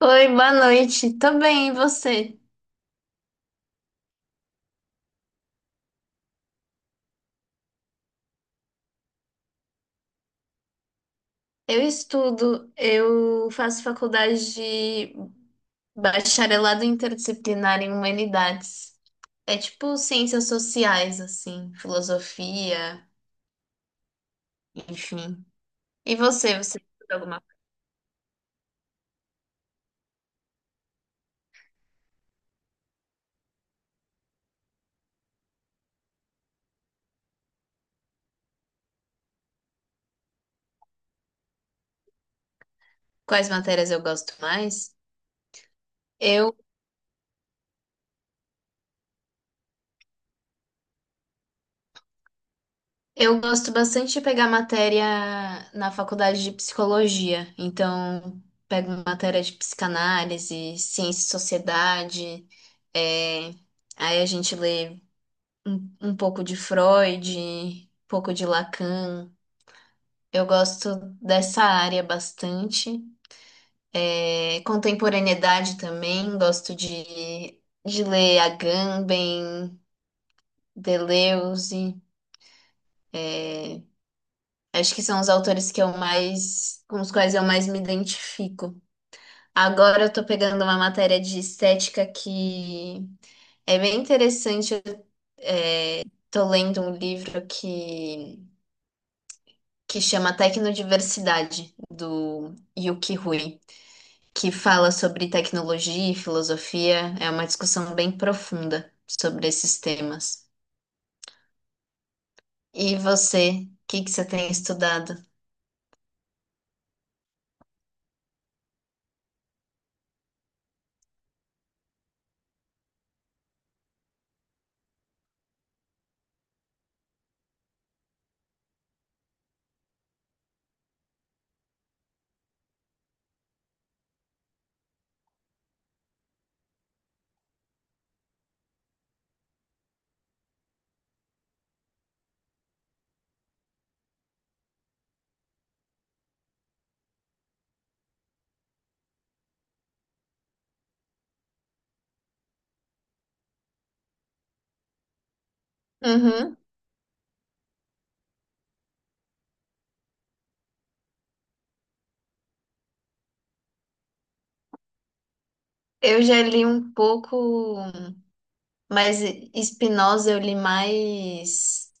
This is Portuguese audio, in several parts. Oi, boa noite. Tô bem, e você? Eu estudo, eu faço faculdade de bacharelado interdisciplinar em humanidades. É tipo ciências sociais, assim, filosofia, enfim. E você, você estuda alguma? Quais matérias eu gosto mais? eu Eu gosto bastante de pegar matéria na faculdade de psicologia, então pego matéria de psicanálise, ciência e sociedade, é, aí a gente lê um pouco de Freud, um pouco de Lacan. Eu gosto dessa área bastante. É, contemporaneidade também, gosto de ler Agamben, Deleuze. Acho que são os autores que eu mais, com os quais eu mais me identifico. Agora eu tô pegando uma matéria de estética que é bem interessante. Eu tô lendo um livro que chama Tecnodiversidade, do Yuki Hui, que fala sobre tecnologia e filosofia. É uma discussão bem profunda sobre esses temas. E você, o que que você tem estudado? Uhum. Eu já li um pouco, mas Spinoza eu li mais.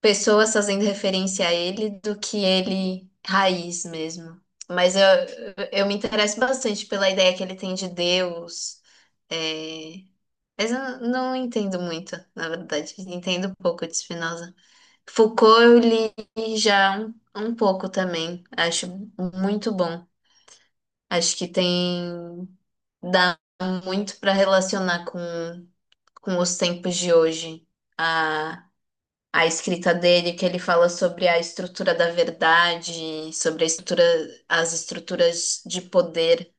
Pessoas fazendo referência a ele do que ele raiz mesmo. Mas eu, eu me interesso bastante pela ideia que ele tem de Deus. é, Mas eu não entendo muito, na verdade. Entendo um pouco de Spinoza. Foucault eu li já um pouco também. Acho muito bom. Acho que tem... Dá muito para relacionar com os tempos de hoje a escrita dele, que ele fala sobre a estrutura da verdade, sobre a estrutura, as estruturas de poder.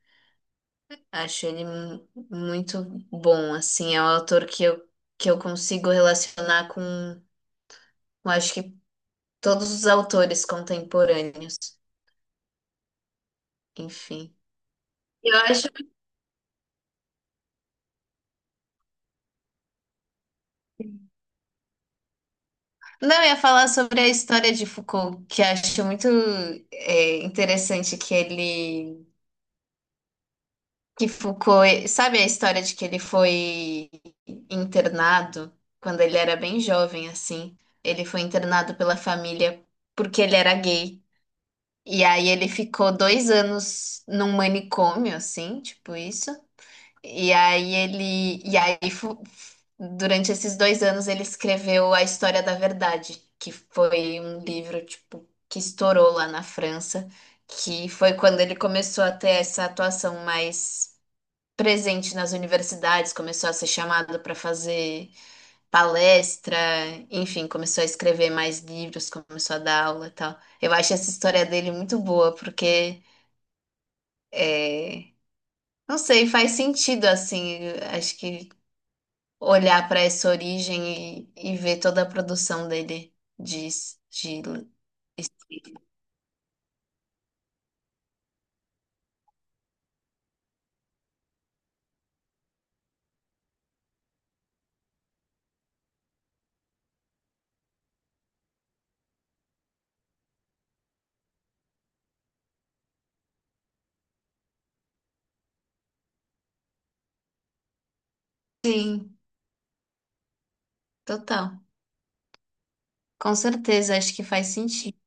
Acho ele muito bom, assim, é um autor que eu consigo relacionar com, acho que, todos os autores contemporâneos, enfim. Eu acho. Não, eu ia falar sobre a história de Foucault, que acho muito, interessante que Foucault, sabe a história de que ele foi internado quando ele era bem jovem, assim? Ele foi internado pela família porque ele era gay. E aí ele ficou dois anos num manicômio, assim, tipo isso. E aí ele. E aí, durante esses dois anos, ele escreveu A História da Verdade, que foi um livro, tipo, que estourou lá na França, que foi quando ele começou a ter essa atuação mais presente nas universidades, começou a ser chamado para fazer palestra, enfim, começou a escrever mais livros, começou a dar aula e tal. Eu acho essa história dele muito boa, porque, é, não sei, faz sentido, assim, acho que olhar para essa origem e ver toda a produção dele de, de... Sim, total. Com certeza, acho que faz sentido.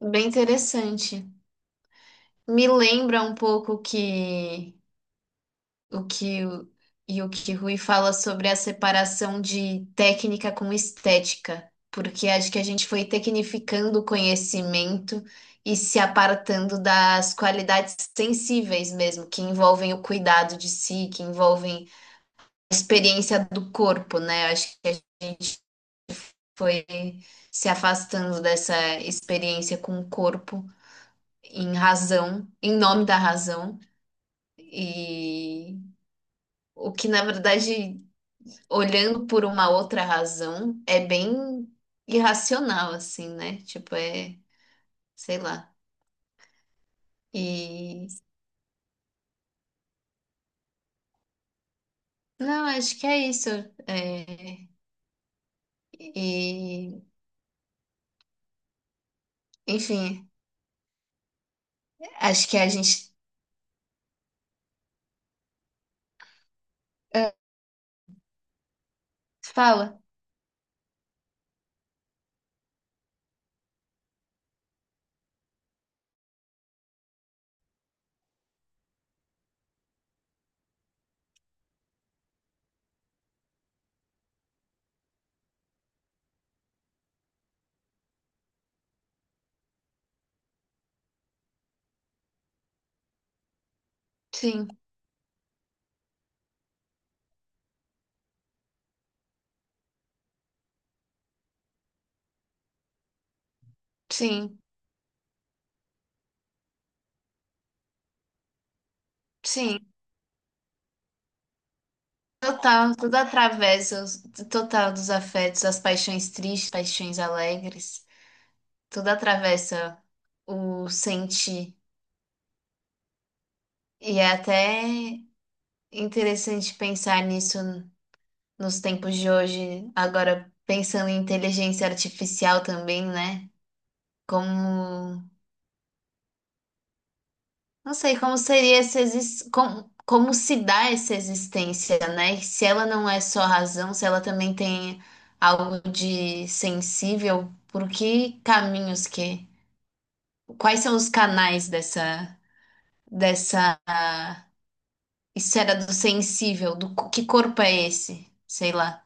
Bem interessante. Me lembra um pouco que o que o, e o que Rui fala sobre a separação de técnica com estética, porque acho que a gente foi tecnificando o conhecimento e se apartando das qualidades sensíveis mesmo, que envolvem o cuidado de si, que envolvem a experiência do corpo, né? Acho que a gente foi se afastando dessa experiência com o corpo em razão, em nome da razão. E o que, na verdade, olhando por uma outra razão, é bem irracional, assim, né? Tipo, é, sei lá. E não, acho que é isso. É, e, enfim, acho que a gente, é, fala. Sim, sim, sim. Total, tudo atravessa, total dos afetos, as paixões tristes, paixões alegres, tudo atravessa o sentir. E é até interessante pensar nisso nos tempos de hoje, agora pensando em inteligência artificial também, né? Como, não sei, como seria essa como, como se dá essa existência, né? E se ela não é só razão, se ela também tem algo de sensível, por que caminhos quais são os canais dessa esfera do sensível, do que corpo é esse? Sei lá.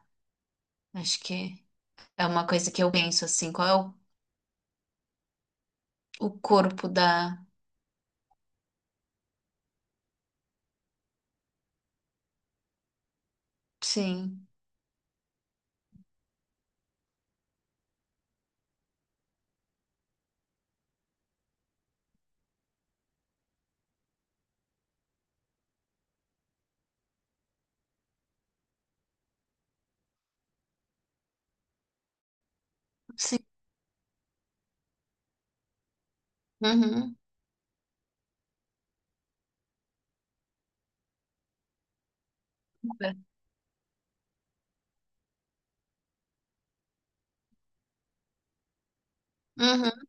Acho que é uma coisa que eu penso assim, qual é o corpo da. Sim, sim. Uhum. Uhum.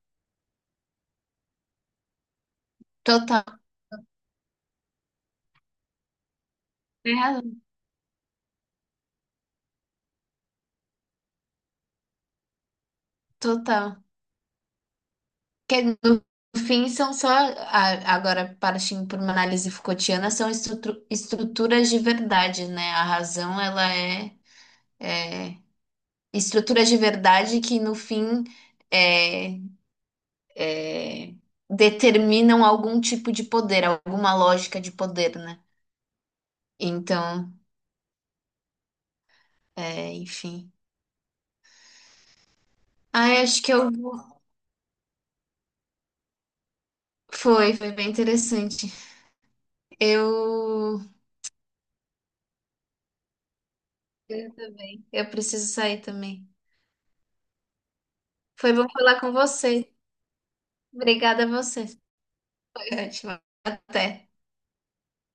Total. Tem razão. Total. Que no fim são só, agora partindo para uma análise Foucaultiana, são estruturas de verdade, né? A razão, ela é estruturas de verdade que no fim, é, é, determinam algum tipo de poder, alguma lógica de poder, né? Então, é, enfim. Ai, acho que eu... foi bem interessante. Eu... Eu também. Eu preciso sair também. Foi bom falar com você. Obrigada a você. Foi ótimo. Até.